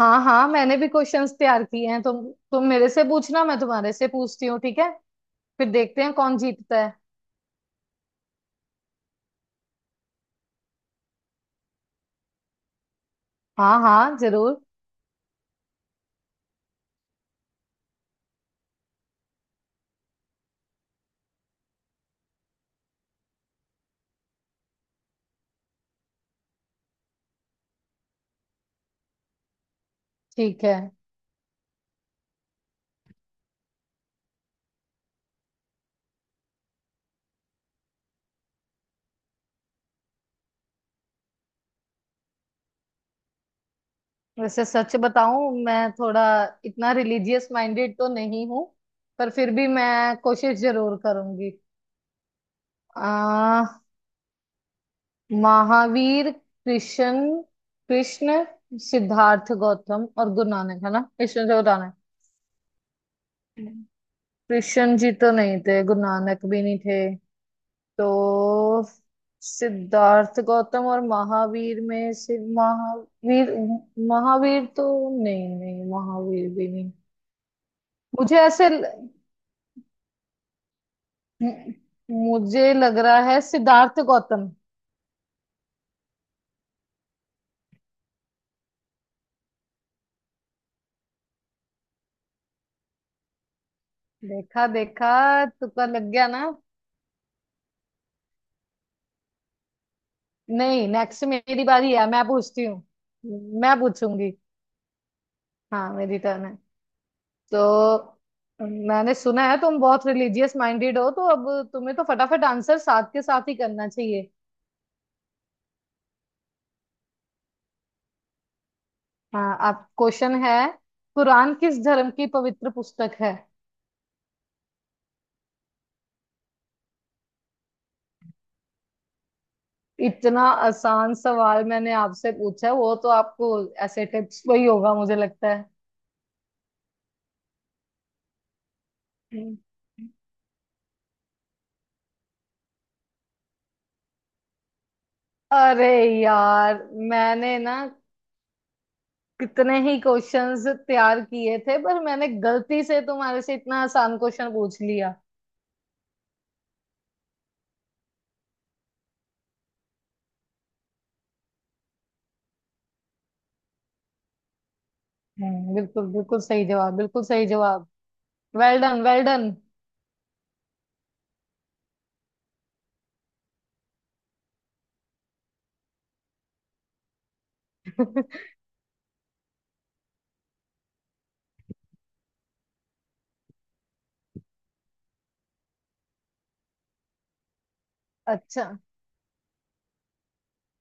हाँ हाँ, मैंने भी क्वेश्चंस तैयार किए हैं। तुम मेरे से पूछना, मैं तुम्हारे से पूछती हूँ, ठीक है? फिर देखते हैं कौन जीतता है। हाँ हाँ, जरूर। ठीक है। वैसे सच बताऊं, मैं थोड़ा इतना रिलीजियस माइंडेड तो नहीं हूँ, पर फिर भी मैं कोशिश जरूर करूंगी। आ, महावीर, कृष्ण, कृष्ण, सिद्धार्थ गौतम और गुरु नानक है ना, इसमें से बताना है। कृष्ण जी तो नहीं थे, गुरु नानक भी नहीं थे, तो सिद्धार्थ गौतम और महावीर में से महावीर महावीर तो नहीं, नहीं, महावीर भी नहीं। मुझे ऐसे ल- मुझे लग रहा है सिद्धार्थ गौतम। देखा देखा, तुक्का लग गया ना। नहीं, नेक्स्ट मेरी बारी है, मैं पूछती हूँ। मैं पूछूंगी। हाँ, मेरी टर्न है। तो मैंने सुना है तुम बहुत रिलीजियस माइंडेड हो, तो अब तुम्हें तो फटाफट आंसर साथ के साथ ही करना चाहिए। हाँ, आप क्वेश्चन है। कुरान किस धर्म की पवित्र पुस्तक है? इतना आसान सवाल मैंने आपसे पूछा, वो तो आपको ऐसे टिप्स पे ही होगा, मुझे लगता है। हम्म। अरे यार, मैंने ना कितने ही क्वेश्चंस तैयार किए थे, पर मैंने गलती से तुम्हारे से इतना आसान क्वेश्चन पूछ लिया। हम्म, बिल्कुल बिल्कुल सही जवाब, बिल्कुल सही जवाब। Well done, well done. अच्छा,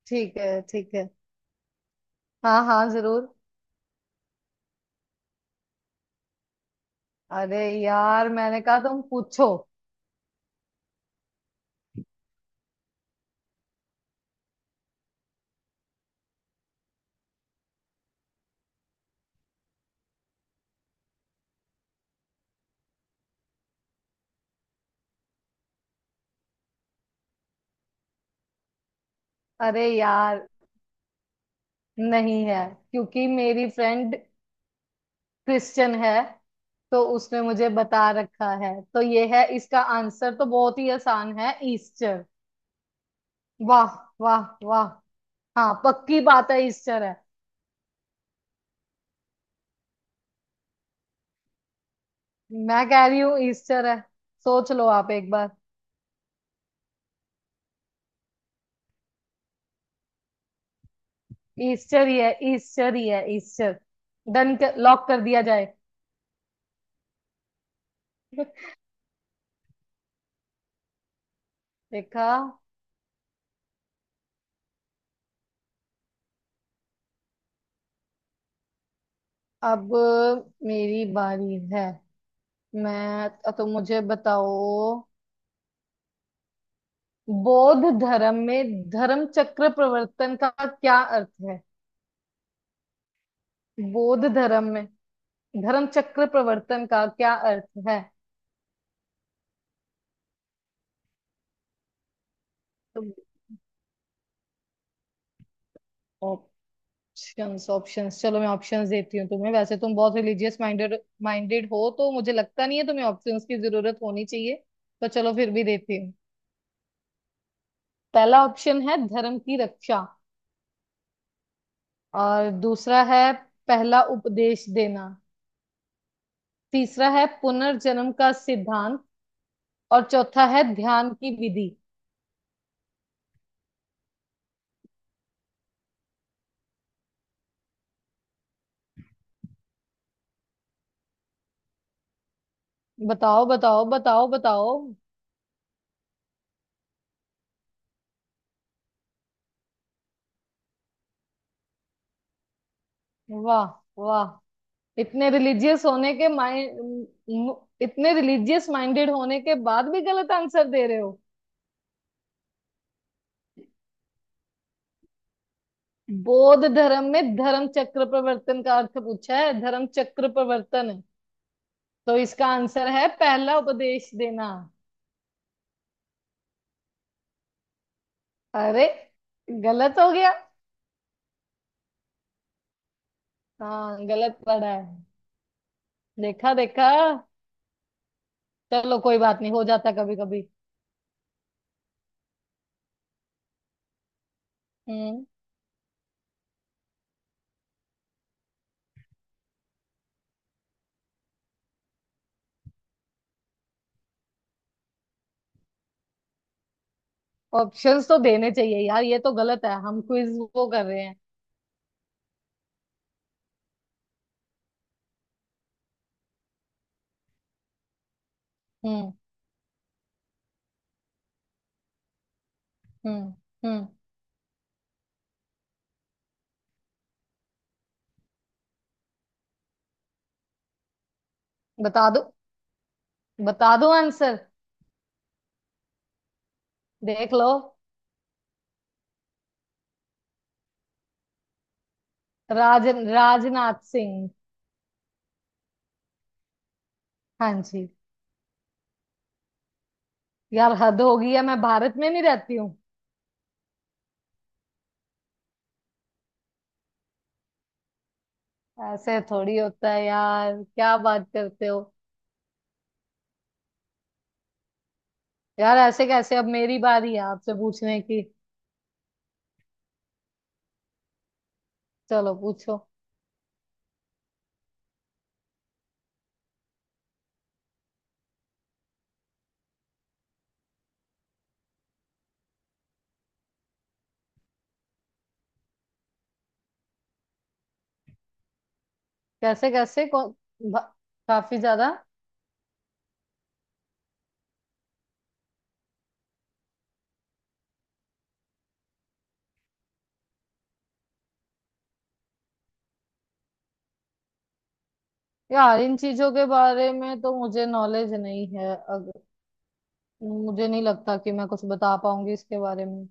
ठीक है, ठीक है। हाँ हाँ, जरूर। अरे यार, मैंने कहा तुम पूछो। अरे यार, नहीं है, क्योंकि मेरी फ्रेंड क्रिश्चियन है, तो उसने मुझे बता रखा है, तो ये है इसका आंसर, तो बहुत ही आसान है, ईस्टर। वाह, वाह वाह। हाँ, पक्की बात है, ईस्टर है। मैं कह रही हूँ ईस्टर है, सोच लो आप एक बार। ईस्टर ही है, ईस्टर ही है, ईस्टर। डन कर, लॉक कर दिया जाए। देखा। अब मेरी बारी है। मैं तो मुझे बताओ, बौद्ध धर्म में धर्म चक्र प्रवर्तन का क्या अर्थ है? बौद्ध धर्म में धर्म चक्र प्रवर्तन का क्या अर्थ है? तुम ऑप्शंस ऑप्शंस चलो, मैं ऑप्शंस देती हूँ तुम्हें। वैसे तुम बहुत रिलीजियस माइंडेड माइंडेड हो, तो मुझे लगता नहीं है तुम्हें ऑप्शंस की जरूरत होनी चाहिए, तो चलो फिर भी देती हूँ। पहला ऑप्शन है धर्म की रक्षा, और दूसरा है पहला उपदेश देना, तीसरा है पुनर्जन्म का सिद्धांत, और चौथा है ध्यान की विधि। बताओ बताओ बताओ बताओ। वाह वाह, इतने रिलीजियस होने के माइंड, इतने रिलीजियस माइंडेड होने के बाद भी गलत आंसर दे रहे हो। बौद्ध धर्म में धर्म चक्र प्रवर्तन का अर्थ पूछा है, धर्म चक्र प्रवर्तन है, तो इसका आंसर है पहला उपदेश देना। अरे, गलत हो गया। हाँ, गलत पड़ा है। देखा देखा। चलो कोई बात नहीं, हो जाता कभी कभी। हम्म। ऑप्शंस तो देने चाहिए यार, ये तो गलत है, हम क्विज वो कर रहे हैं। हम्म, हम्म, हम्म, बता दो, बता दो आंसर, देख लो। राज राजनाथ सिंह। हाँ जी, यार हद हो गई है, मैं भारत में नहीं रहती हूँ। ऐसे थोड़ी होता है यार, क्या बात करते हो? यार ऐसे कैसे, अब मेरी बारी है आपसे पूछने की। चलो पूछो। कैसे कैसे कौन, भा- काफी ज्यादा। यार, इन चीजों के बारे में तो मुझे नॉलेज नहीं है। मुझे नहीं लगता कि मैं कुछ बता पाऊंगी इसके बारे में।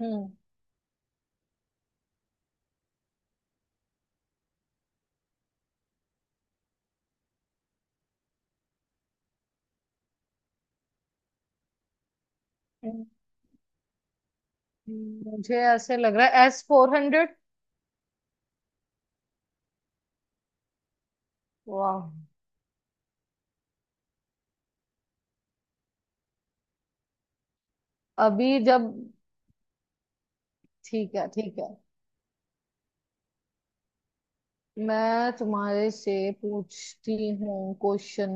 हम्म, मुझे ऐसे लग रहा है S-400। वाह। अभी जब ठीक है, ठीक है, मैं तुम्हारे से पूछती हूँ क्वेश्चन।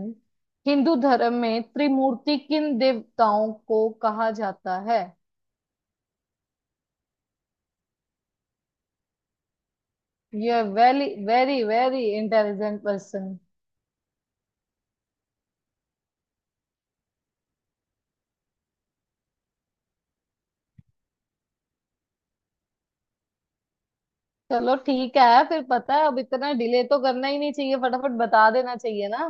हिंदू धर्म में त्रिमूर्ति किन देवताओं को कहा जाता है? यह very very very intelligent person. चलो ठीक है, फिर पता है, अब इतना डिले तो करना ही नहीं चाहिए, फटाफट बता देना चाहिए ना।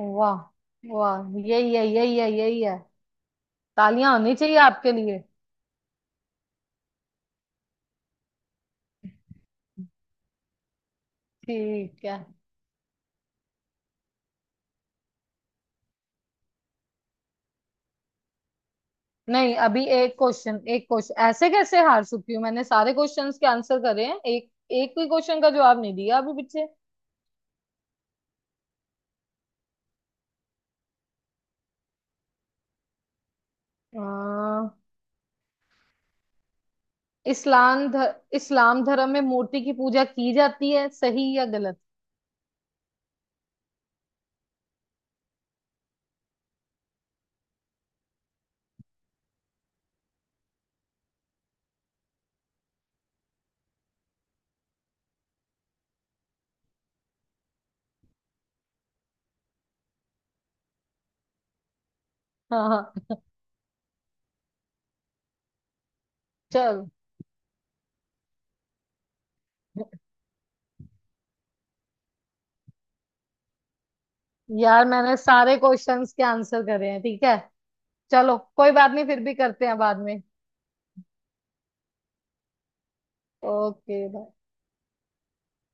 वाह वाह, यही है, यही है, यही है। तालियां होनी चाहिए आपके लिए। ठीक है। नहीं, अभी एक क्वेश्चन, एक क्वेश्चन, ऐसे कैसे हार चुकी हूँ? मैंने सारे क्वेश्चंस के आंसर करे हैं, एक एक भी क्वेश्चन का जवाब नहीं दिया अभी पीछे। अ, इस्लाम ध, इस्लाम धर्म में मूर्ति की पूजा की जाती है, सही या गलत? हाँ हाँ। चलो, यार, मैंने सारे क्वेश्चंस के आंसर करे हैं, ठीक है। चलो कोई बात नहीं, फिर भी करते हैं बाद में। ओके।